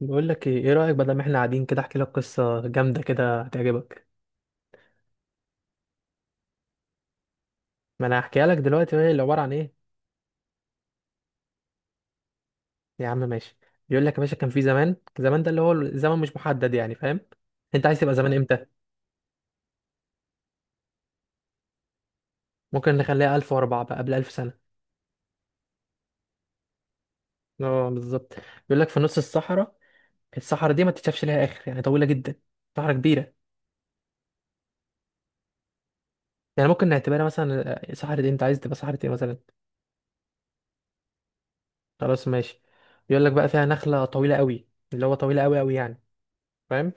بقول لك ايه؟ إيه رايك بدل ما احنا قاعدين كده احكي لك قصه جامده كده هتعجبك. ما انا هحكيها لك دلوقتي وهي اللي عباره عن ايه. يا عم ماشي. بيقول لك يا باشا كان في زمان زمان، ده اللي هو الزمن مش محدد، يعني فاهم. انت عايز تبقى زمان امتى؟ ممكن نخليها 1004 بقى، قبل 1000 سنه. اه بالظبط. بيقول لك في نص الصحراء، الصحراء دي ما تتشافش ليها اخر، يعني طويله جدا، صحراء كبيره. يعني ممكن نعتبرها مثلا صحراء إيه؟ انت عايز تبقى صحراء ايه مثلا؟ خلاص ماشي. بيقول لك بقى فيها نخله طويله قوي، اللي هو طويله قوي قوي يعني، فاهم؟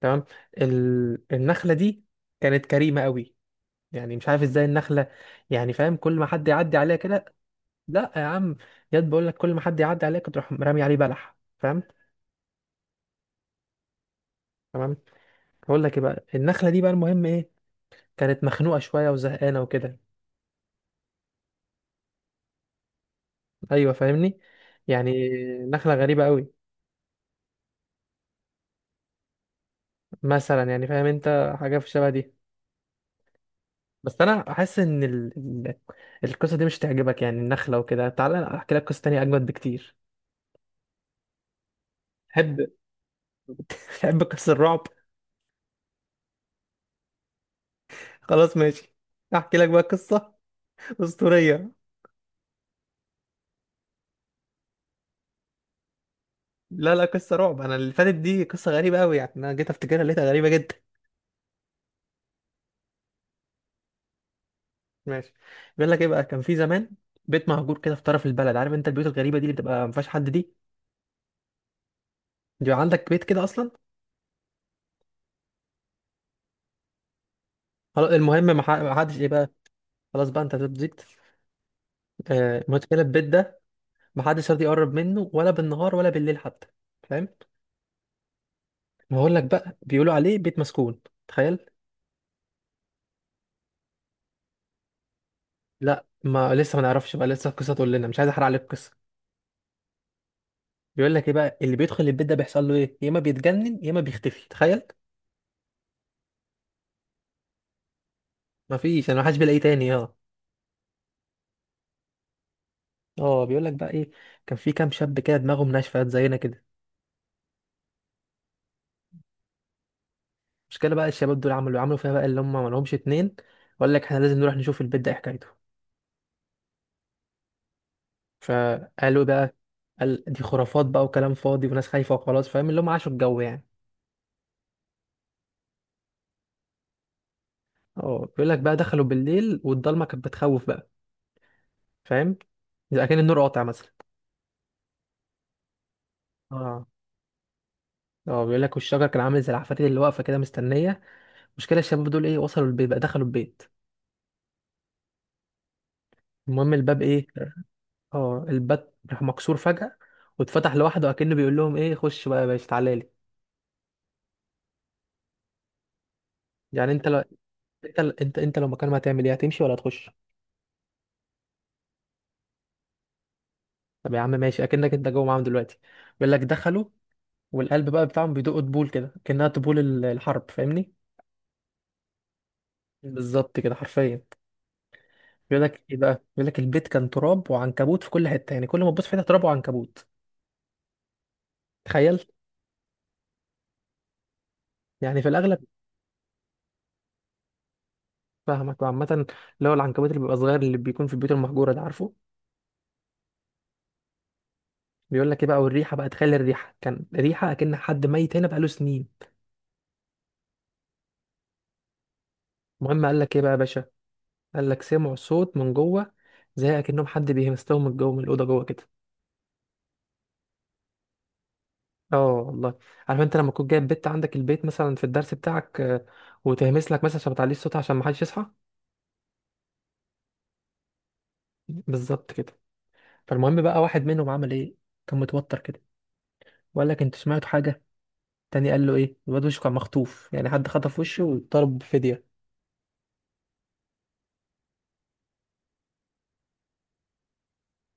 تمام. النخله دي كانت كريمه قوي. يعني مش عارف ازاي النخله، يعني فاهم، كل ما حد يعدي عليها كده. لا يا عم، ياد بقول لك كل ما حد يعدي عليها كنت تروح رامي عليه بلح، فاهم. تمام. بقول لك ايه بقى، النخله دي بقى المهم ايه، كانت مخنوقه شويه وزهقانه وكده. ايوه فاهمني. يعني نخله غريبه قوي. مثلا يعني فاهم انت حاجه في الشبه دي. بس انا احس ان ال- القصه دي مش تعجبك، يعني النخله وكده. تعالى احكي لك قصه تانية اجمد بكتير. تحب، تحب قصص الرعب؟ خلاص ماشي. احكي لك بقى قصه اسطوريه. لا لا، قصه رعب. انا اللي فاتت دي قصه غريبه قوي، يعني انا جيت افتكرها لقيتها غريبه جدا. ماشي. بيقول لك ايه بقى، كان في زمان بيت مهجور كده في طرف البلد. عارف انت البيوت الغريبه دي اللي بتبقى ما فيهاش حد دي، بيبقى عندك بيت كده اصلا. خلاص المهم، ما حدش ايه بقى. خلاص بقى انت زبزت. المشكله البيت ده ما حدش راضي يقرب منه، ولا بالنهار ولا بالليل حتى، فاهم. ما هقول لك بقى، بيقولوا عليه بيت مسكون، تخيل. لا ما لسه، ما نعرفش بقى، لسه القصه تقول لنا، مش عايز احرق عليك القصه. بيقول لك ايه بقى، اللي بيدخل البيت ده بيحصل له ايه، يا اما بيتجنن يا اما بيختفي، تخيل. مفيش، انا محدش بيلاقيه تاني، اه. اه بيقول لك بقى ايه، كان في كام شاب كده دماغهم ناشفه زينا كده. المشكله بقى الشباب دول عملوا فيها بقى اللي هم ما لهمش اتنين، وقال لك احنا لازم نروح نشوف البيت ده ايه حكايته. فقالوا إيه بقى؟ قال دي خرافات بقى وكلام فاضي وناس خايفه وخلاص، فاهم اللي هم عاشوا الجو يعني. اه بيقول لك بقى دخلوا بالليل، والضلمه كانت بتخوف بقى، فاهم، زي كان النور قاطع مثلا. اه. اه بيقول لك والشجر كان عامل زي العفاريت اللي واقفه كده مستنيه. المشكله الشباب دول ايه، وصلوا البيت بقى، دخلوا البيت. المهم الباب ايه، اه الباب راح مكسور فجأة واتفتح لوحده، اكنه بيقول لهم ايه، خش بقى يا باشا تعالى لي. يعني انت لو، انت لو مكان ما هتعمل ايه، هتمشي ولا هتخش؟ طب يا عم ماشي، اكنك انت جوه معاهم دلوقتي. بيقول لك دخلوا، والقلب بقى بتاعهم بيدق طبول كده، كأنها طبول الحرب، فاهمني. بالظبط كده حرفيا. بيقول لك ايه بقى، بيقول لك البيت كان تراب وعنكبوت في كل حتة، يعني كل ما تبص في حتة تراب وعنكبوت، تخيل. يعني في الاغلب. فاهمك وعامة، اللي هو العنكبوت اللي بيبقى صغير اللي بيكون في البيوت المهجورة ده، عارفه. بيقول لك ايه بقى، والريحة بقى، تخلي الريحة كان ريحة اكن حد ميت هنا بقاله سنين. المهم قال لك ايه بقى يا باشا، قال لك سمعوا صوت من جوه، زي اكنهم حد بيهمستهم من جوه، من الأوضة جوه كده. اه والله. عارف انت لما تكون جايب بت عندك البيت مثلا في الدرس بتاعك وتهمس لك مثلا عشان ما تعليش صوتها، عشان ما حدش يصحى. بالظبط كده. فالمهم بقى واحد منهم عمل ايه، كان متوتر كده وقال لك انتوا سمعتوا حاجة. تاني قال له ايه الواد، وشه كان مخطوف، يعني حد خطف وشه وطلب فدية.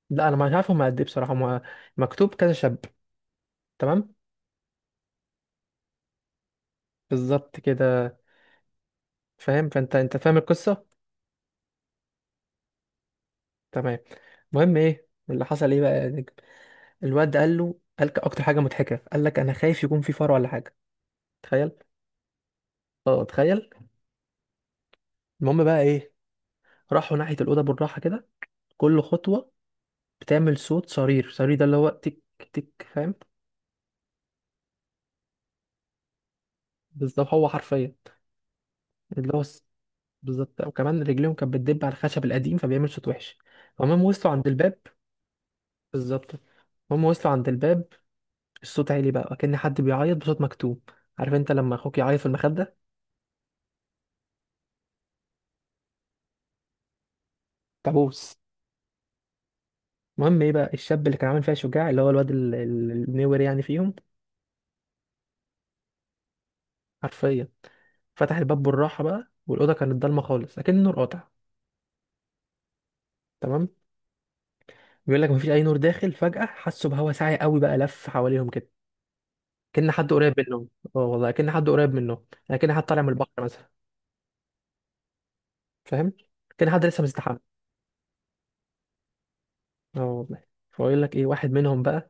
لا انا مش عارف هم قد ايه بصراحه، هم مكتوب كذا شاب. تمام. بالظبط كده، فاهم، فانت فاهم القصه. تمام. المهم ايه اللي حصل ايه بقى يا نجم؟ الواد قال له، اكتر حاجه مضحكه، قال لك انا خايف يكون في فار ولا حاجه، تخيل. اه تخيل. المهم بقى ايه، راحوا ناحيه الاوضه بالراحه كده، كل خطوه بتعمل صوت صرير، صرير ده اللي هو تك تك، فاهم. بالظبط هو حرفيا، اللي هو بالظبط. وكمان رجليهم كانت بتدب على الخشب القديم، فبيعمل صوت وحش. المهم وصلوا عند الباب. بالظبط. هم وصلوا عند الباب، الصوت عالي بقى كأن حد بيعيط بصوت مكتوم. عارف انت لما اخوك يعيط في المخدة؟ تعبوس. المهم ايه بقى الشاب اللي كان عامل فيها شجاع اللي هو الواد النور يعني فيهم. حرفيا فتح الباب بالراحة بقى، والأوضة كانت ضلمة خالص أكن النور قاطع. تمام. بيقول لك مفيش أي نور داخل، فجأة حسوا بهوا ساعي قوي بقى لف حواليهم كده، كأن حد قريب منهم. اه والله، كأن حد قريب منهم، يعني كأن حد طالع من البحر مثلا، فاهم، كأن حد لسه مستحمى. اه والله. فيقول لك إيه واحد منهم بقى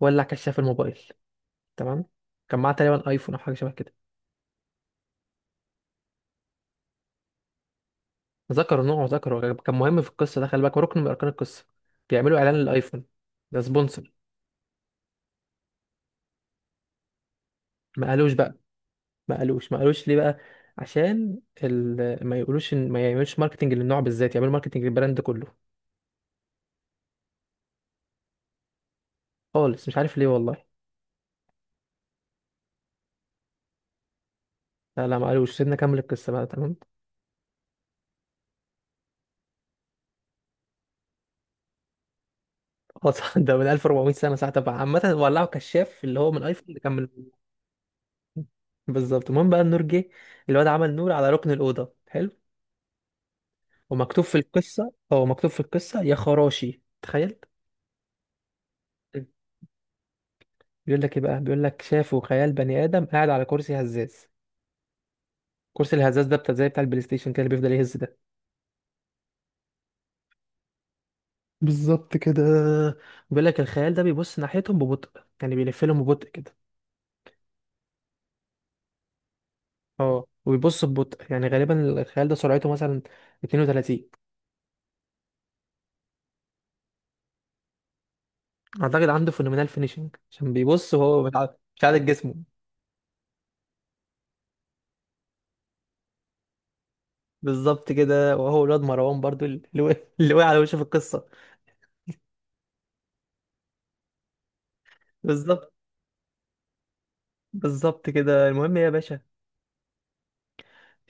ولع كشاف الموبايل. تمام. كان معاه تقريبا ايفون او حاجه شبه كده. ذكر نوعه وذكر، هو كان مهم في القصه ده، خلي بالك هو ركن من اركان القصه. بيعملوا اعلان للايفون، ده سبونسر. ما قالوش بقى ما قالوش ليه بقى؟ عشان ما يقولوش إن... ما يعملوش ماركتنج للنوع بالذات، يعملوا ماركتنج للبراند كله. خالص مش عارف ليه والله. لا لا ما قالوش، سيبنا اكمل القصه بقى تمام. خلاص ده من 1400 سنه ساعه بقى عامه، ولعوا كشاف اللي هو من ايفون اللي كمل. بالظبط. المهم بقى النور جه، الواد عمل نور على ركن الاوضه، حلو. ومكتوب في القصة، هو مكتوب في القصة يا خراشي، تخيل. بيقول لك ايه بقى، بيقول لك شافوا خيال بني آدم قاعد على كرسي هزاز. كرسي الهزاز ده بتاع زي بتاع البلاي ستيشن كده، اللي بيفضل يهز ده. بالظبط كده. بيقول لك الخيال ده بيبص ناحيتهم ببطء، يعني بيلف لهم ببطء كده. اه، وبيبص ببطء، يعني غالبا الخيال ده سرعته مثلا 32. اعتقد عنده فينومينال فينيشنج، عشان بيبص وهو مش عادل جسمه. بالظبط كده. وهو ولاد مروان برضو اللي وقع، اللي وقع على وشه في القصة. بالظبط بالظبط كده. المهم إيه يا باشا،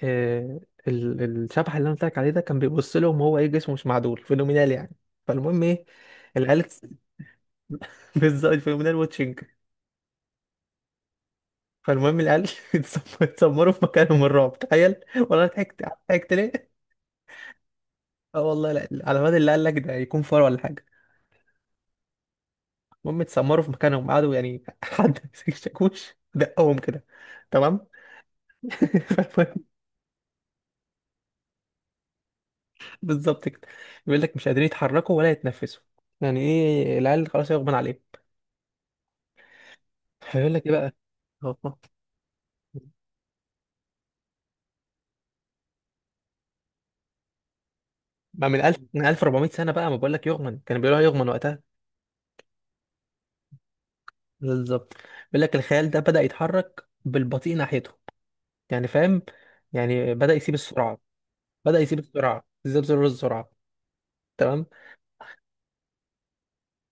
آه، الشبح اللي انا قلت لك عليه ده كان بيبص لهم وهو ايه، جسمه مش معدول، فينومينال يعني. فالمهم ايه، العيال بالظبط، الفينومينال واتشنج. فالمهم العيال اتسمروا في مكانهم من الرعب، تخيل والله ضحكت. ضحكت ليه؟ اه والله، لا على مدى اللي قال لك ده يكون فار ولا حاجه. المهم اتسمروا في مكانهم، قعدوا يعني حد مسك الشاكوش دقهم كده. تمام. فالمهم بالظبط كده. بيقول لك مش قادرين يتحركوا ولا يتنفسوا، يعني ايه العيال خلاص يغمى عليهم. هيقول لك ايه بقى، هو- ما من ألف، من 1400 سنة بقى، ما بقول لك يغمن، كانوا بيقولوها يغمن وقتها. بالظبط. بيقول لك الخيال ده بدأ يتحرك بالبطيء ناحيته، يعني فاهم يعني بدأ يسيب السرعة، بدأ يسيب السرعة، يسيب زر السرعة. تمام.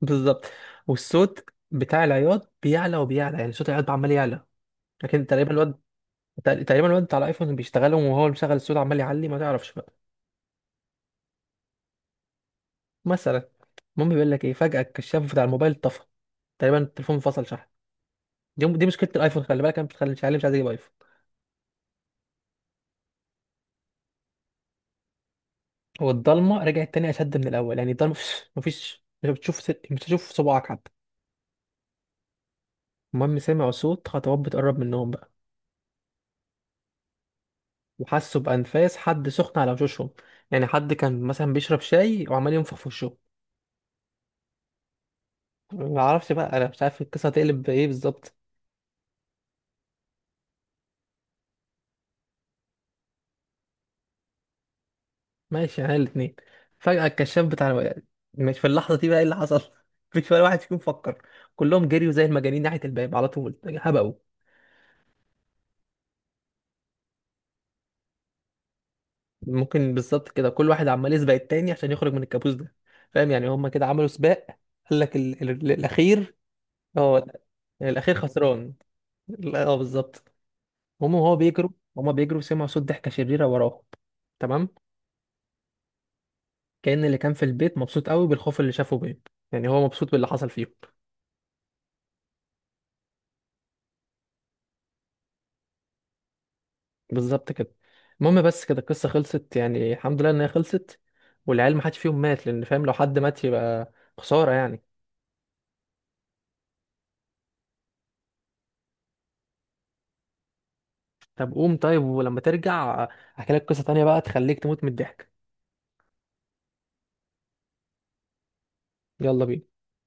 بالظبط. والصوت بتاع العياط بيعلى وبيعلى، يعني صوت العياط عمال يعلى. لكن تقريبا الواد، تقريبا الواد بتاع الايفون بيشتغلهم وهو اللي مشغل الصوت، عمال يعلي ما تعرفش بقى. مثلا. المهم بيقول لك ايه، فجأة الكشاف بتاع الموبايل طفى، تقريبا التليفون فصل شحن. دي مشكله الايفون، خلي بالك انا بتخلي مش عارف، مش عايز اجيب ايفون. والضلمه رجعت تاني اشد من الاول، يعني الضلمه مفيش مش بتشوف مش هتشوف صباعك حتى. المهم سمعوا صوت خطوات بتقرب منهم بقى، وحسوا بانفاس حد سخن على وشوشهم، يعني حد كان مثلا بيشرب شاي وعمال ينفخ في وشه. ما اعرفش بقى، انا مش عارف القصه هتقلب بايه بالظبط. ماشي، يعني الاثنين. فجاه الكشاف بتاع، مش في اللحظه دي بقى ايه اللي حصل. مفيش ولا واحد فيكم فكر، كلهم جريوا زي المجانين ناحيه الباب على طول هبقوا. ممكن بالظبط كده، كل واحد عمال يسبق التاني عشان يخرج من الكابوس ده، فاهم، يعني هما كده عملوا سباق. قال لك الاخير هو، الاخير خسران. لا اه بالظبط. هما وهو بيجروا، هما بيجروا سمعوا صوت ضحكه شريره وراهم. تمام. كأن اللي كان في البيت مبسوط قوي بالخوف اللي شافه بيه، يعني هو مبسوط باللي حصل فيهم. بالظبط كده. المهم بس كده القصه خلصت، يعني الحمد لله ان هي خلصت، والعيال ما حدش فيهم مات، لان فاهم لو حد مات يبقى خساره يعني. طب قوم طيب، ولما ترجع احكي لك قصة تانية بقى تخليك تموت من الضحك. يلا بينا.